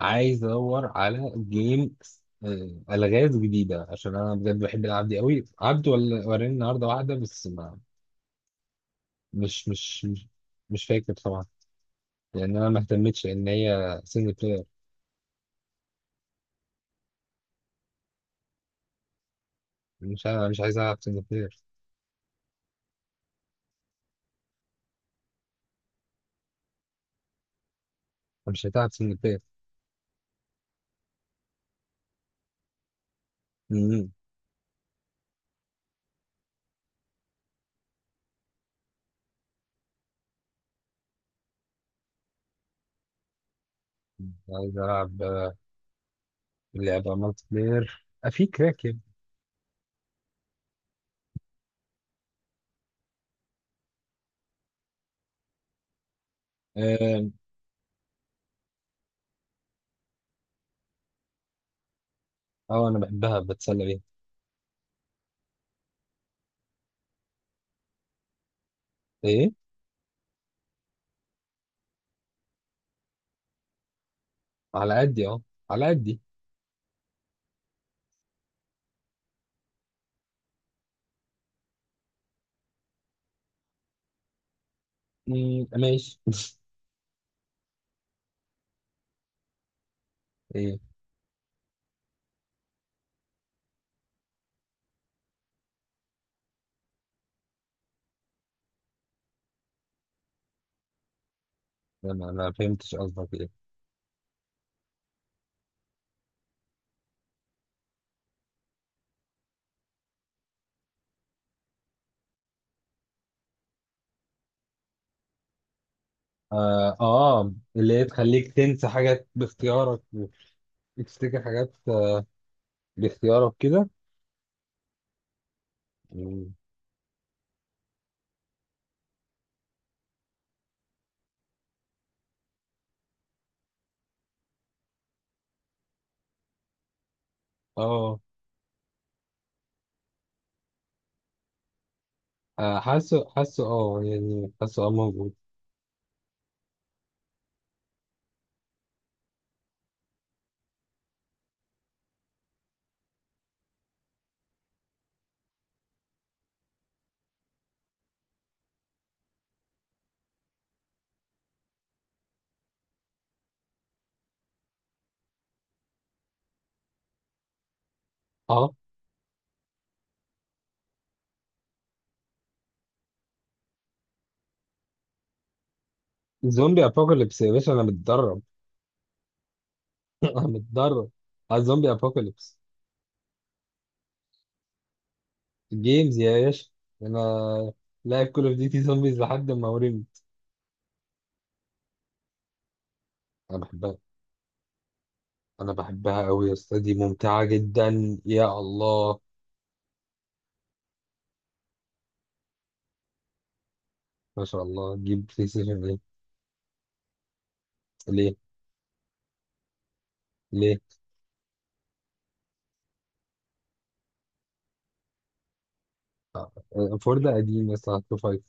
عايز ادور على جيم. الغاز جديده، عشان انا بجد بحب العب دي قوي. عبد ولا وراني النهارده واحده بس ما مش مش مش, مش فاكر طبعا. لان انا ما اهتمتش ان هي سنجل بلاير. مش عايز العب سنجل بلاير. مش هتلعب سنجل بلاير. مم. عايز العب، لعبه مالتي بلاير، في كراك يعني. اه. انا بحبها بتسلى بيها. ايه. على قدي اه، على قدي. مم، ماشي. ايه. انا ما فهمتش قصدك ايه. آه، اللي هي تخليك تنسى حاجات باختيارك وتفتكر حاجات، باختيارك كده. مم. آه. حاسه حاسه، يعني حاسه موجود. آه. زومبي أبوكاليبس يا باشا، أنا متدرب. أنا متدرب على زومبي أبوكاليبس. جيمز يا باشا، أنا لاعب كول أوف ديوتي زومبيز لحد ما ورمت. أنا بحبها، أنا بحبها أوي يا أسطى، دي ممتعة جدا. يا الله. ما شاء الله، جيب بلاي ستيشن ليه؟ ليه؟ ليه؟ آه، فور ده قديم يا اسطى، هتشوف فايف.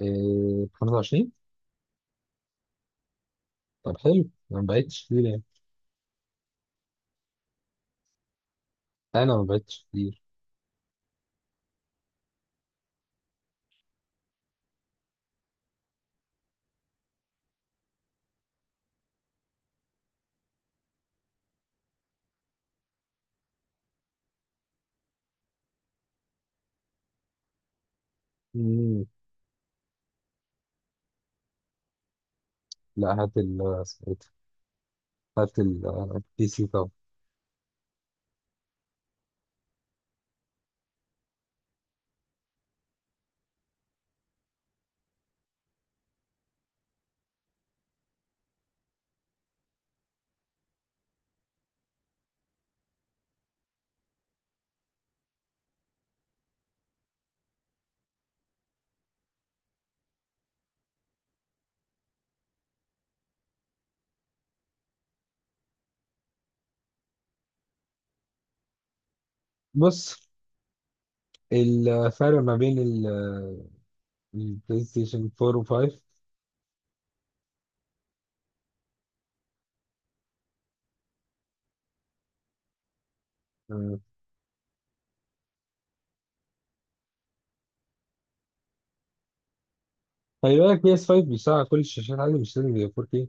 إيه، 25؟ طب حلو، انا ما بعتش كتير يعني. انا ما بعتش كتير. مم. لا، هات ال اسمه إيه ده؟ هات البي سي طب. بص، الفرق ما بين البلاي ستيشن 4 و5. خلي بالك، بي اس 5 بيشتغل على كل الشاشات عادي، مش لازم يبقى 4K.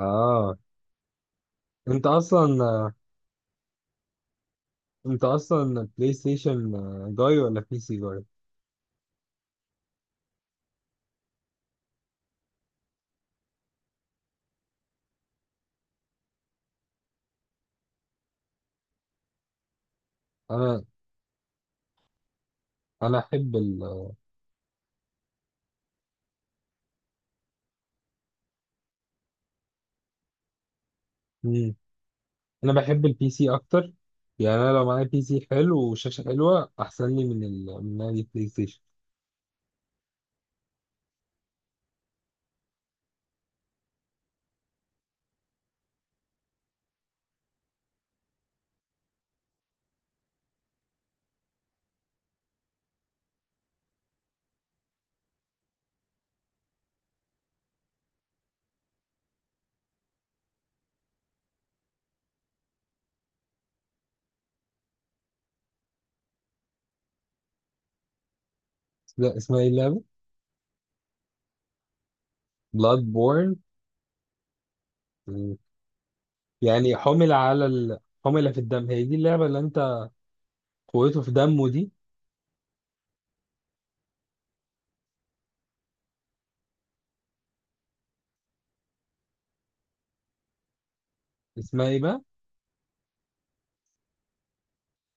اه. انت اصلا، انت اصلا بلاي ستيشن، جاي ولا بي سي جاي؟ انا انا احب ال، انا بحب البي سي اكتر. يعني انا لو معايا بي سي حلو وشاشه حلوه احسن لي من ال... من لعبه بلاي ستيشن. لا، اسمها ايه اللعبه؟ بلاد بورن. يعني حمل على ال... حمل في الدم، هي دي اللعبه اللي انت، قوته في دمه دي. اسمها ايه بقى؟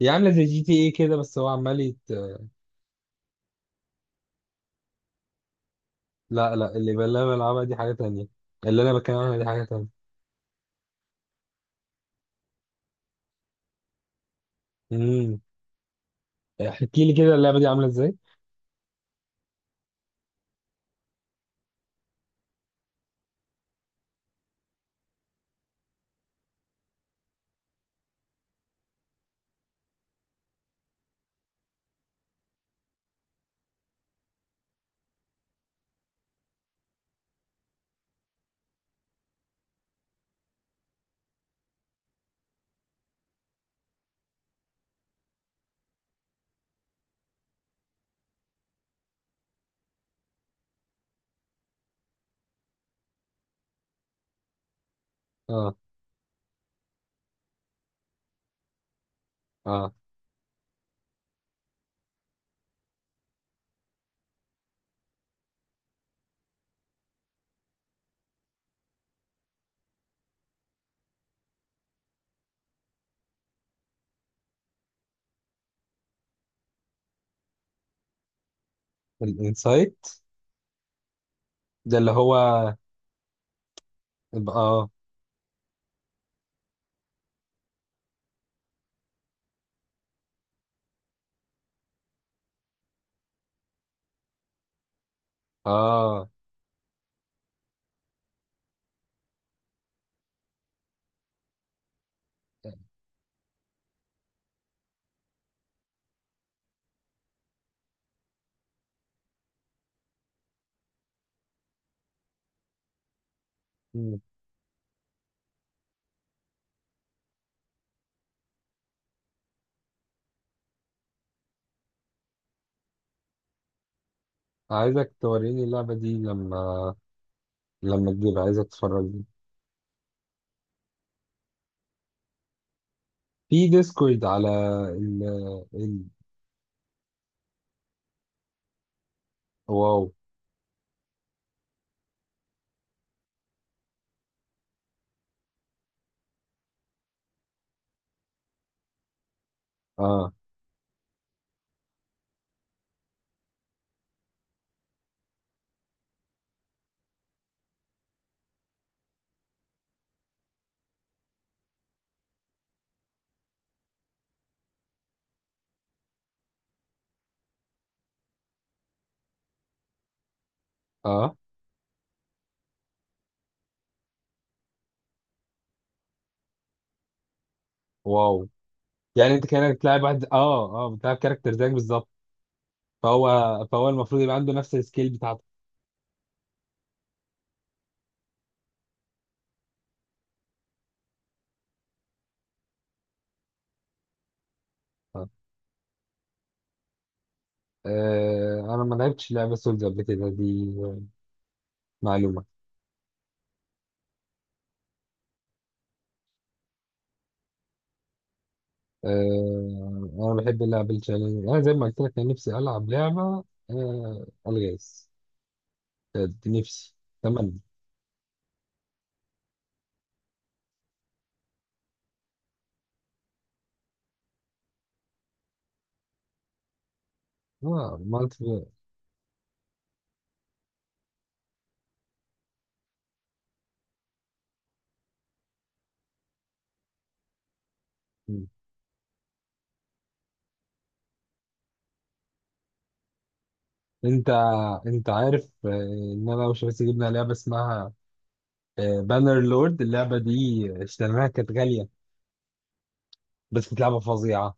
هي عامله زي جي تي ايه كده، بس هو عمال يت... لا اللي بلعبها دي حاجه تانية. اللي انا بتكلم عنها دي حاجه تانية. امم. احكي لي كده اللعبه دي عامله ازاي. اه اه. الانسايت ده اللي هو يبقى اه. اه، عايزك توريني اللعبة دي لما، لما تجيب عايزك تتفرج في ديسكورد على ال، ال. واو. اه اه. واو. يعني انت كانك بتلعب واحد، اه بتلعب كاركتر زيك بالظبط. فهو فهو المفروض يبقى عنده نفس السكيل بتاعتك. آه. آه، انا ما لعبتش لعبة سولز قبل كده، دي معلومة. آه، انا بحب اللعب التشالنج. انا زي ما قلت لك، انا نفسي العب لعبة، الغاز. كانت نفسي. تمام. اه، مالتي بلاير. انت انت عارف، ان انا وشباسي جبنا لعبه اسمها بانر لورد. اللعبه دي اشتريناها كانت غاليه، بس كانت لعبه فظيعه.